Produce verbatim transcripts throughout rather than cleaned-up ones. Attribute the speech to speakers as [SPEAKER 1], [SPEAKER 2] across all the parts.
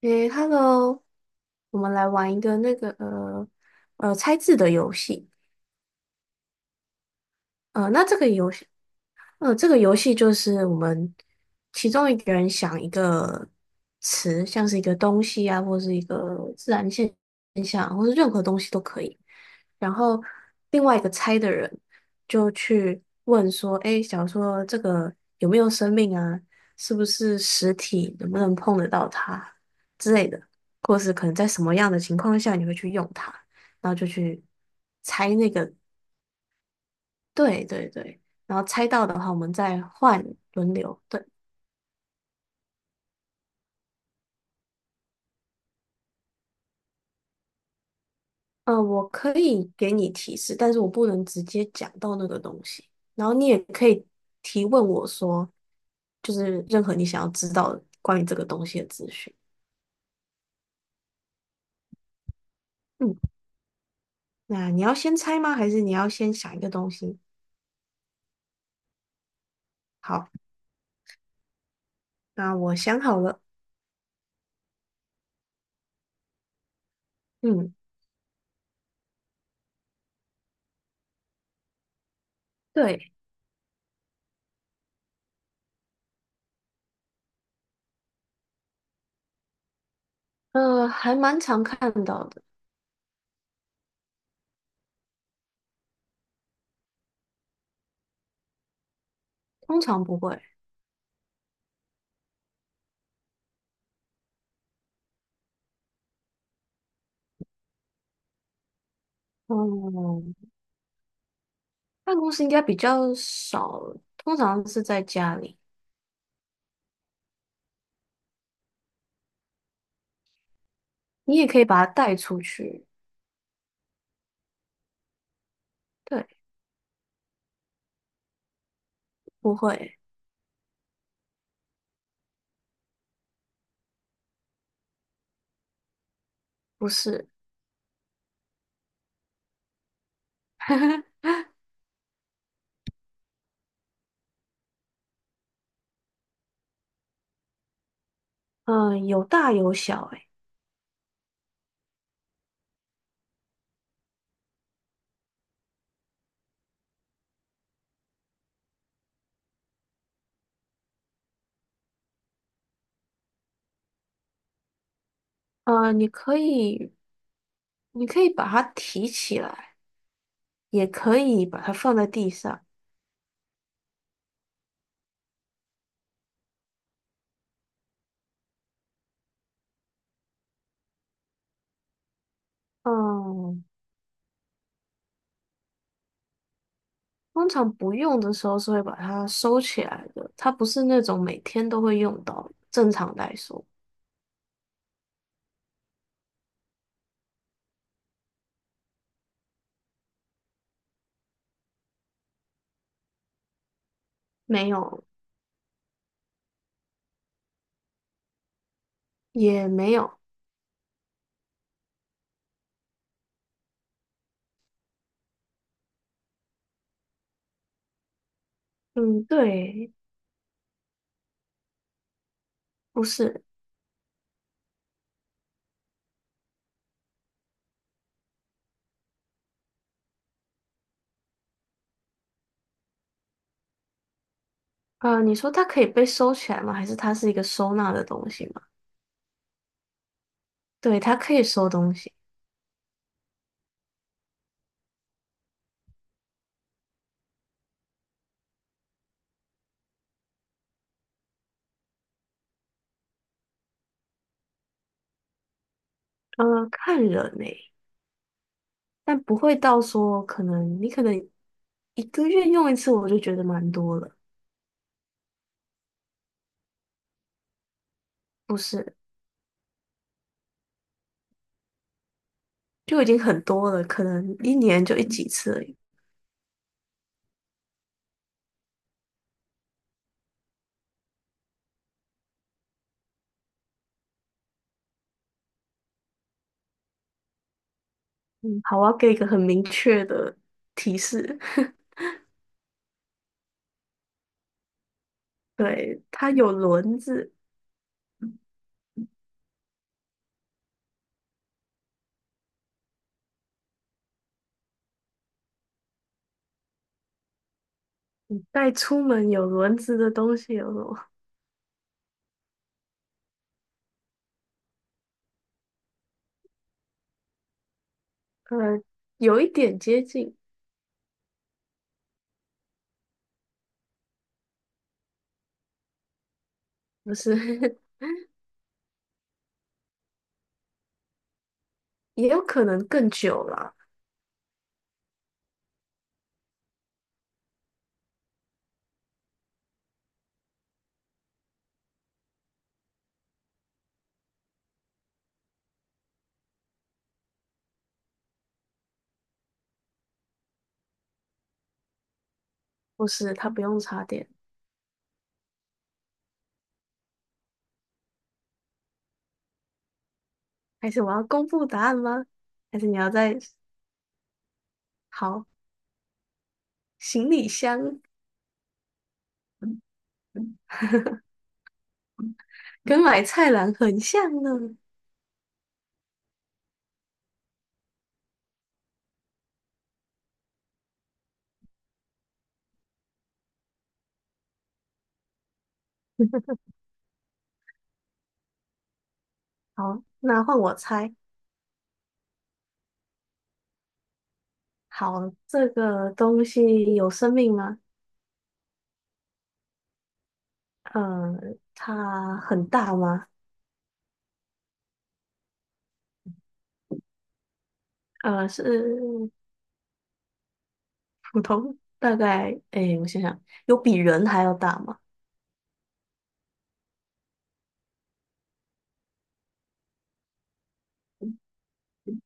[SPEAKER 1] 诶，Hello，我们来玩一个那个呃呃猜字的游戏。呃，那这个游戏嗯，这个游戏就是我们其中一个人想一个词，像是一个东西啊，或是一个自然现象，或是任何东西都可以。然后另外一个猜的人就去问说："诶，假如说这个有没有生命啊？是不是实体？能不能碰得到它之类的？或是可能在什么样的情况下你会去用它？"然后就去猜那个。对对对，然后猜到的话，我们再换轮流。对。嗯、我可以给你提示，但是我不能直接讲到那个东西。然后你也可以提问我说，就是任何你想要知道的关于这个东西的资讯。嗯，那你要先猜吗？还是你要先想一个东西？好，那我想好了。嗯，对。呃，还蛮常看到的。通常不会。嗯，办公室应该比较少，通常是在家里。你也可以把它带出去。对，不会。不是。嗯，有大有小，诶。呃，你可以，你可以把它提起来，也可以把它放在地上。嗯，通常不用的时候是会把它收起来的，它不是那种每天都会用到的正常来说，没有，也没有。嗯，对。不是。呃，你说它可以被收起来吗？还是它是一个收纳的东西吗？对，它可以收东西。呃，看人呢、但不会到说可能你可能一个月用一次，我就觉得蛮多了。不是。就已经很多了，可能一年就一几次而已。嗯，好，我要给一个很明确的提示，对，它有轮子。带出门有轮子的东西有什么？呃，有一点接近。不是。也有可能更久了。不是，它不用插电。还是我要公布答案吗？还是你要在，好，行李箱。嗯嗯跟买菜篮很像呢。 好，那换我猜。好，这个东西有生命吗？呃，它很大吗？呃，是普通，大概，诶，我想想，有比人还要大吗？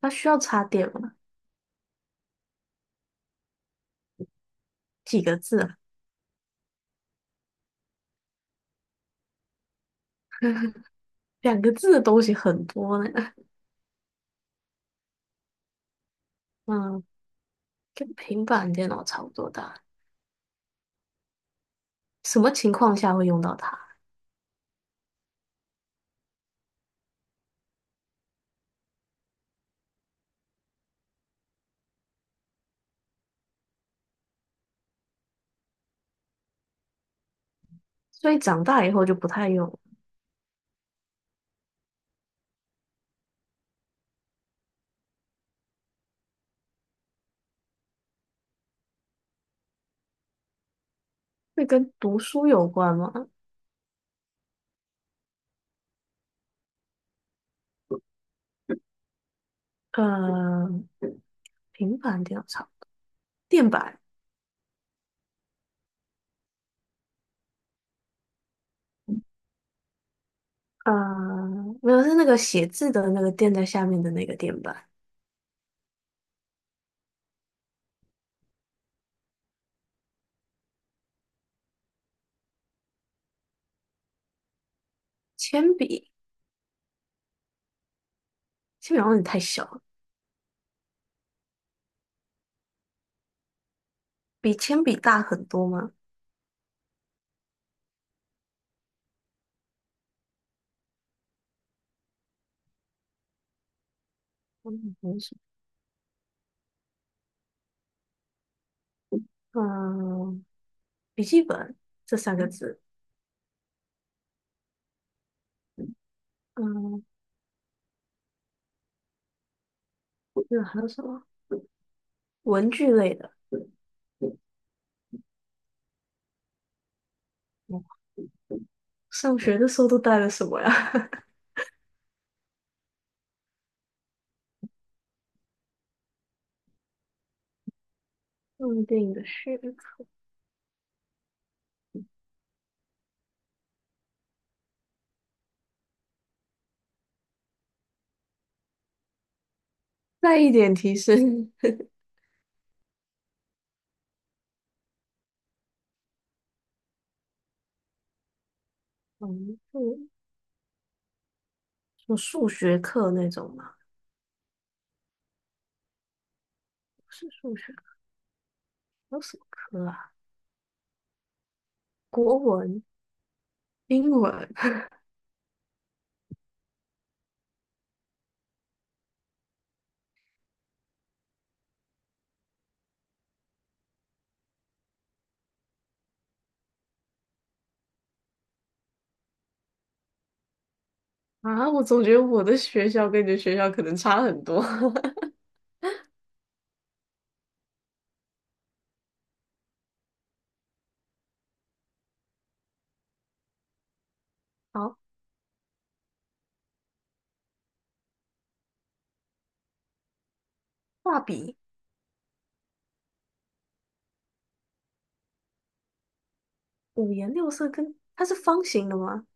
[SPEAKER 1] 它需要插电吗？几个字啊？两个字的东西很多呢。嗯，跟平板电脑差不多大。什么情况下会用到它？所以长大以后就不太用了。会跟读书有关吗？呃，平板电脑操，垫板。呃，没有，是那个写字的那个垫在下面的那个垫板。铅笔，铅笔好像有点太小了，比铅笔大很多吗？嗯，没什么。嗯，笔记本这三个字。嗯，那还有什么？文具类的。嗯上学的时候都带了什么呀？电影的书，再一点提示。嗯，就什么数学课那种吗？不是数学，还有什么课啊？国文、英文，啊，我总觉得我的学校跟你的学校可能差很多。好。画笔。五颜六色跟，它是方形的吗？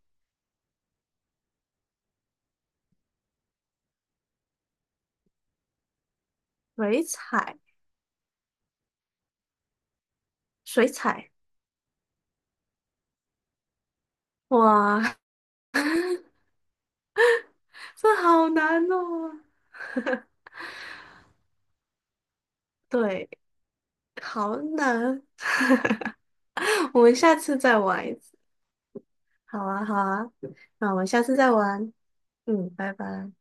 [SPEAKER 1] 水彩，水彩。哇，这好难哦。对，好难。我们下次再玩一次。好啊，好啊，那我们下次再玩。嗯，拜拜。